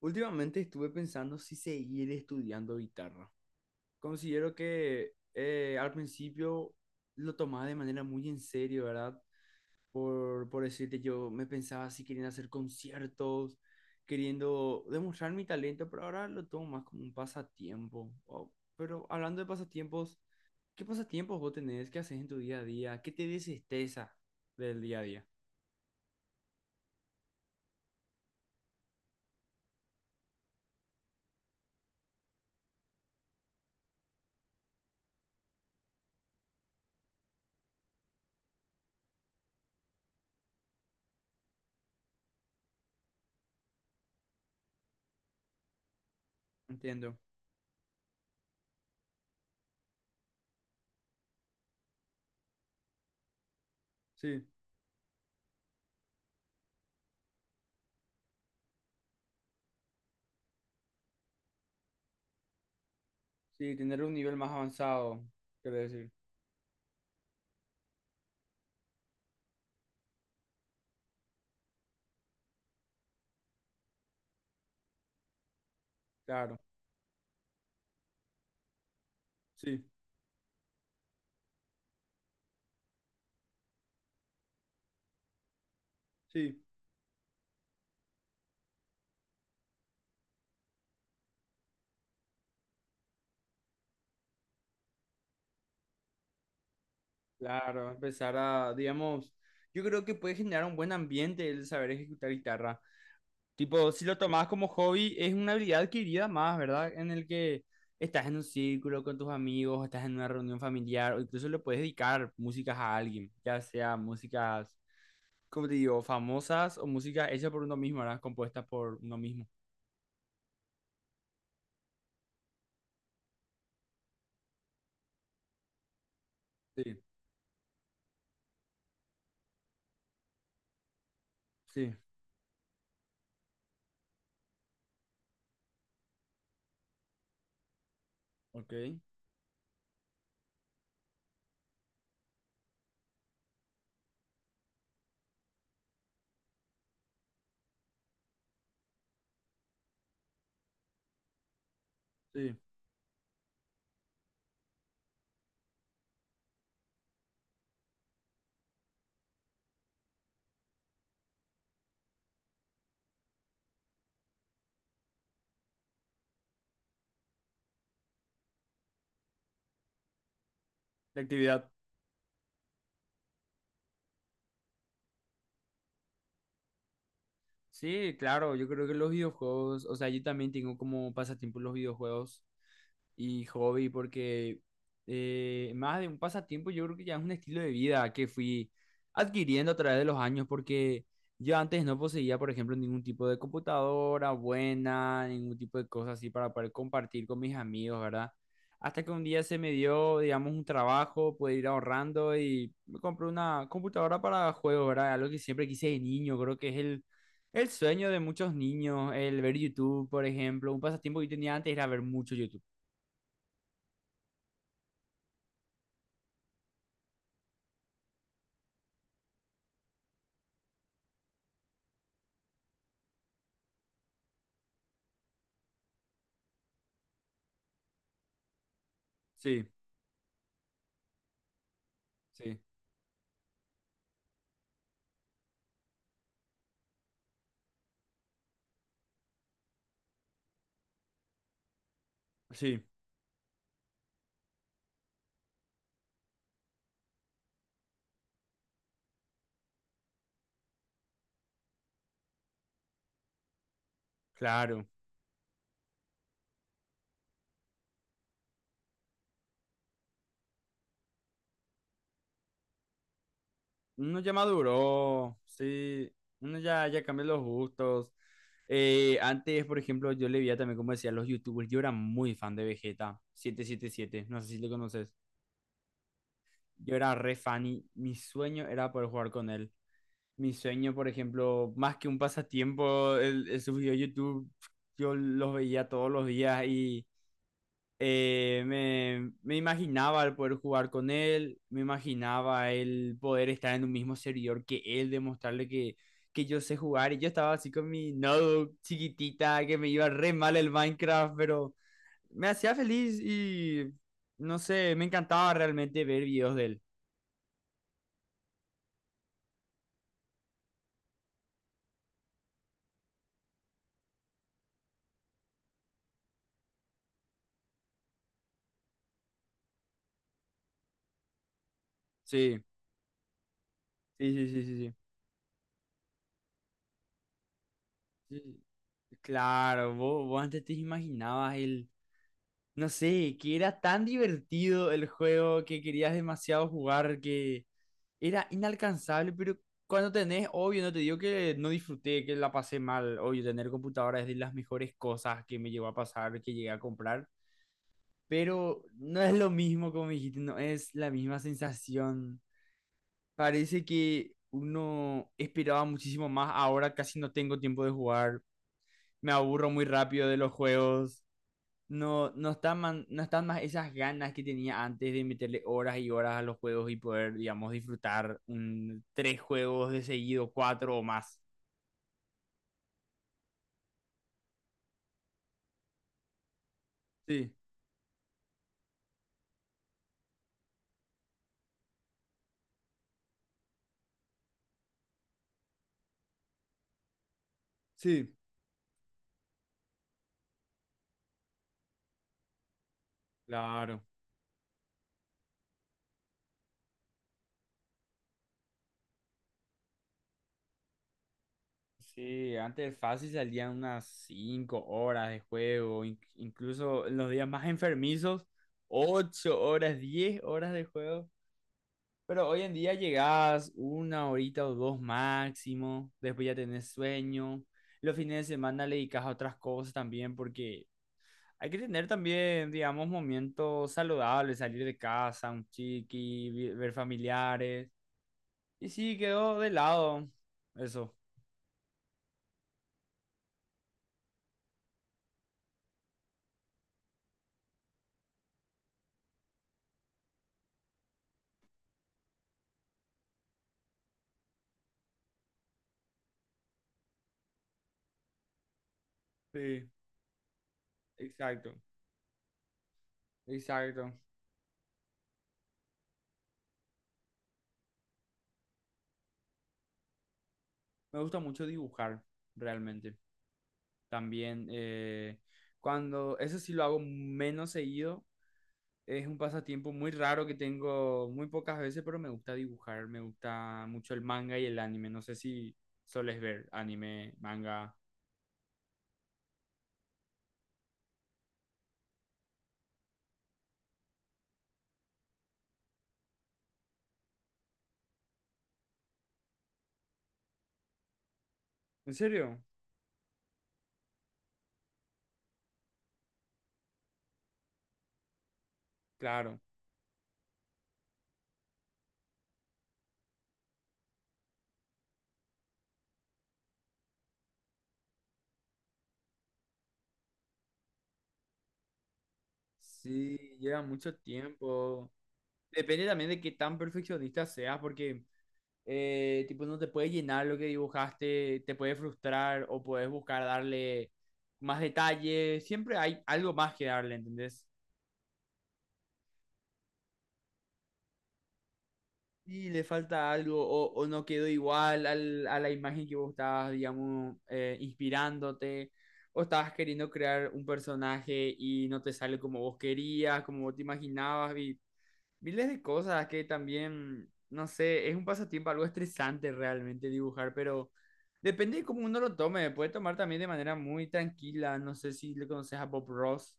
Últimamente estuve pensando si seguir estudiando guitarra. Considero que al principio lo tomaba de manera muy en serio, ¿verdad? Por decirte, yo me pensaba si queriendo hacer conciertos, queriendo demostrar mi talento, pero ahora lo tomo más como un pasatiempo. Oh, pero hablando de pasatiempos, ¿qué pasatiempos vos tenés? ¿Qué haces en tu día a día? ¿Qué te desestresa del día a día? Entiendo. Sí, sí, tener un nivel más avanzado, quiero decir. Claro, sí. Sí. Claro, empezar a, digamos, yo creo que puede generar un buen ambiente el saber ejecutar guitarra. Tipo, si lo tomás como hobby, es una habilidad adquirida más, ¿verdad? En el que estás en un círculo con tus amigos, estás en una reunión familiar, o incluso le puedes dedicar músicas a alguien, ya sea músicas, como te digo, famosas o músicas hechas por uno mismo, ¿verdad? Compuestas por uno mismo. Sí, sí, ok, sí. La actividad. Sí, claro, yo creo que los videojuegos, o sea, yo también tengo como pasatiempo los videojuegos y hobby porque más de un pasatiempo yo creo que ya es un estilo de vida que fui adquiriendo a través de los años porque yo antes no poseía, por ejemplo, ningún tipo de computadora buena, ningún tipo de cosas así para poder compartir con mis amigos, ¿verdad? Hasta que un día se me dio, digamos, un trabajo, poder ir ahorrando y me compré una computadora para juegos, ¿verdad? Algo que siempre quise de niño, creo que es el sueño de muchos niños, el ver YouTube, por ejemplo, un pasatiempo que yo tenía antes era ver mucho YouTube. Sí, sí, sí, claro. Uno ya maduró, sí, uno ya, ya cambió los gustos. Antes, por ejemplo, yo le veía también, como decía, los YouTubers. Yo era muy fan de Vegeta 777, no sé si lo conoces. Yo era re fan y mi sueño era poder jugar con él. Mi sueño, por ejemplo, más que un pasatiempo, el sus videos de YouTube, yo los veía todos los días y me imaginaba el poder jugar con él, me imaginaba el poder estar en un mismo servidor que él, demostrarle que yo sé jugar. Y yo estaba así con mi notebook chiquitita, que me iba re mal el Minecraft, pero me hacía feliz y no sé, me encantaba realmente ver videos de él. Sí, sí, sí, sí, sí. Sí. Sí, claro, vos, vos antes te imaginabas el, no sé, que era tan divertido el juego que querías demasiado jugar que era inalcanzable, pero cuando tenés, obvio, no te digo que no disfruté, que la pasé mal, obvio, tener computadora es de las mejores cosas que me llegó a pasar, que llegué a comprar, pero no es lo mismo como me dijiste, no es la misma sensación. Parece que uno esperaba muchísimo más, ahora casi no tengo tiempo de jugar, me aburro muy rápido de los juegos. No, no están más esas ganas que tenía antes de meterle horas y horas a los juegos y poder, digamos, disfrutar un, tres juegos de seguido, cuatro o más. Sí, sí. Claro. Sí, antes fácil salían unas 5 horas de juego, incluso en los días más enfermizos, 8 horas, 10 horas de juego. Pero hoy en día llegás una horita o dos máximo, después ya tenés sueño. Los fines de semana le dedicas a otras cosas también porque hay que tener también, digamos, momentos saludables, salir de casa, un ver familiares. Y sí, quedó de lado eso. Sí, exacto, exacto. Me gusta mucho dibujar, realmente. También, eso sí lo hago menos seguido. Es un pasatiempo muy raro que tengo muy pocas veces, pero me gusta dibujar, me gusta mucho el manga y el anime. No sé si soles ver anime, manga. ¿En serio? Claro. Sí, lleva mucho tiempo. Depende también de qué tan perfeccionista seas, porque tipo no te puede llenar lo que dibujaste, te puede frustrar o puedes buscar darle más detalle. Siempre hay algo más que darle, ¿entendés? Sí, le falta algo o no quedó igual a la imagen que vos estabas, digamos, inspirándote o estabas queriendo crear un personaje y no te sale como vos querías, como vos te imaginabas y miles de cosas que también, no sé, es un pasatiempo algo estresante realmente dibujar, pero depende de cómo uno lo tome, puede tomar también de manera muy tranquila, no sé si le conoces a Bob Ross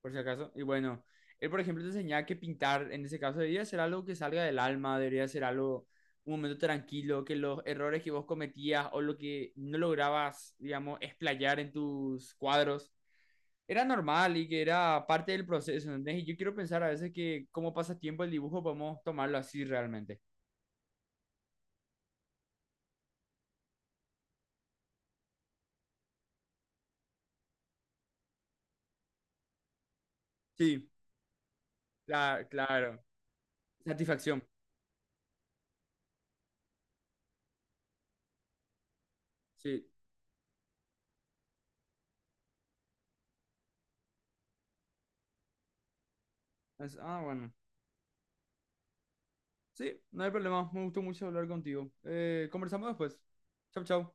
por si acaso. Y bueno, él, por ejemplo, te enseñaba que pintar, en ese caso, debería ser algo que salga del alma, debería ser algo, un momento tranquilo, que los errores que vos cometías o lo que no lograbas, digamos, explayar en tus cuadros, era normal y que era parte del proceso, ¿entendés? Y yo quiero pensar a veces que como pasatiempo el dibujo podemos tomarlo así realmente. Sí, la- claro. Satisfacción. Sí. Es- ah, bueno. Sí, no hay problema. Me gustó mucho hablar contigo. Conversamos después. Chau, chau.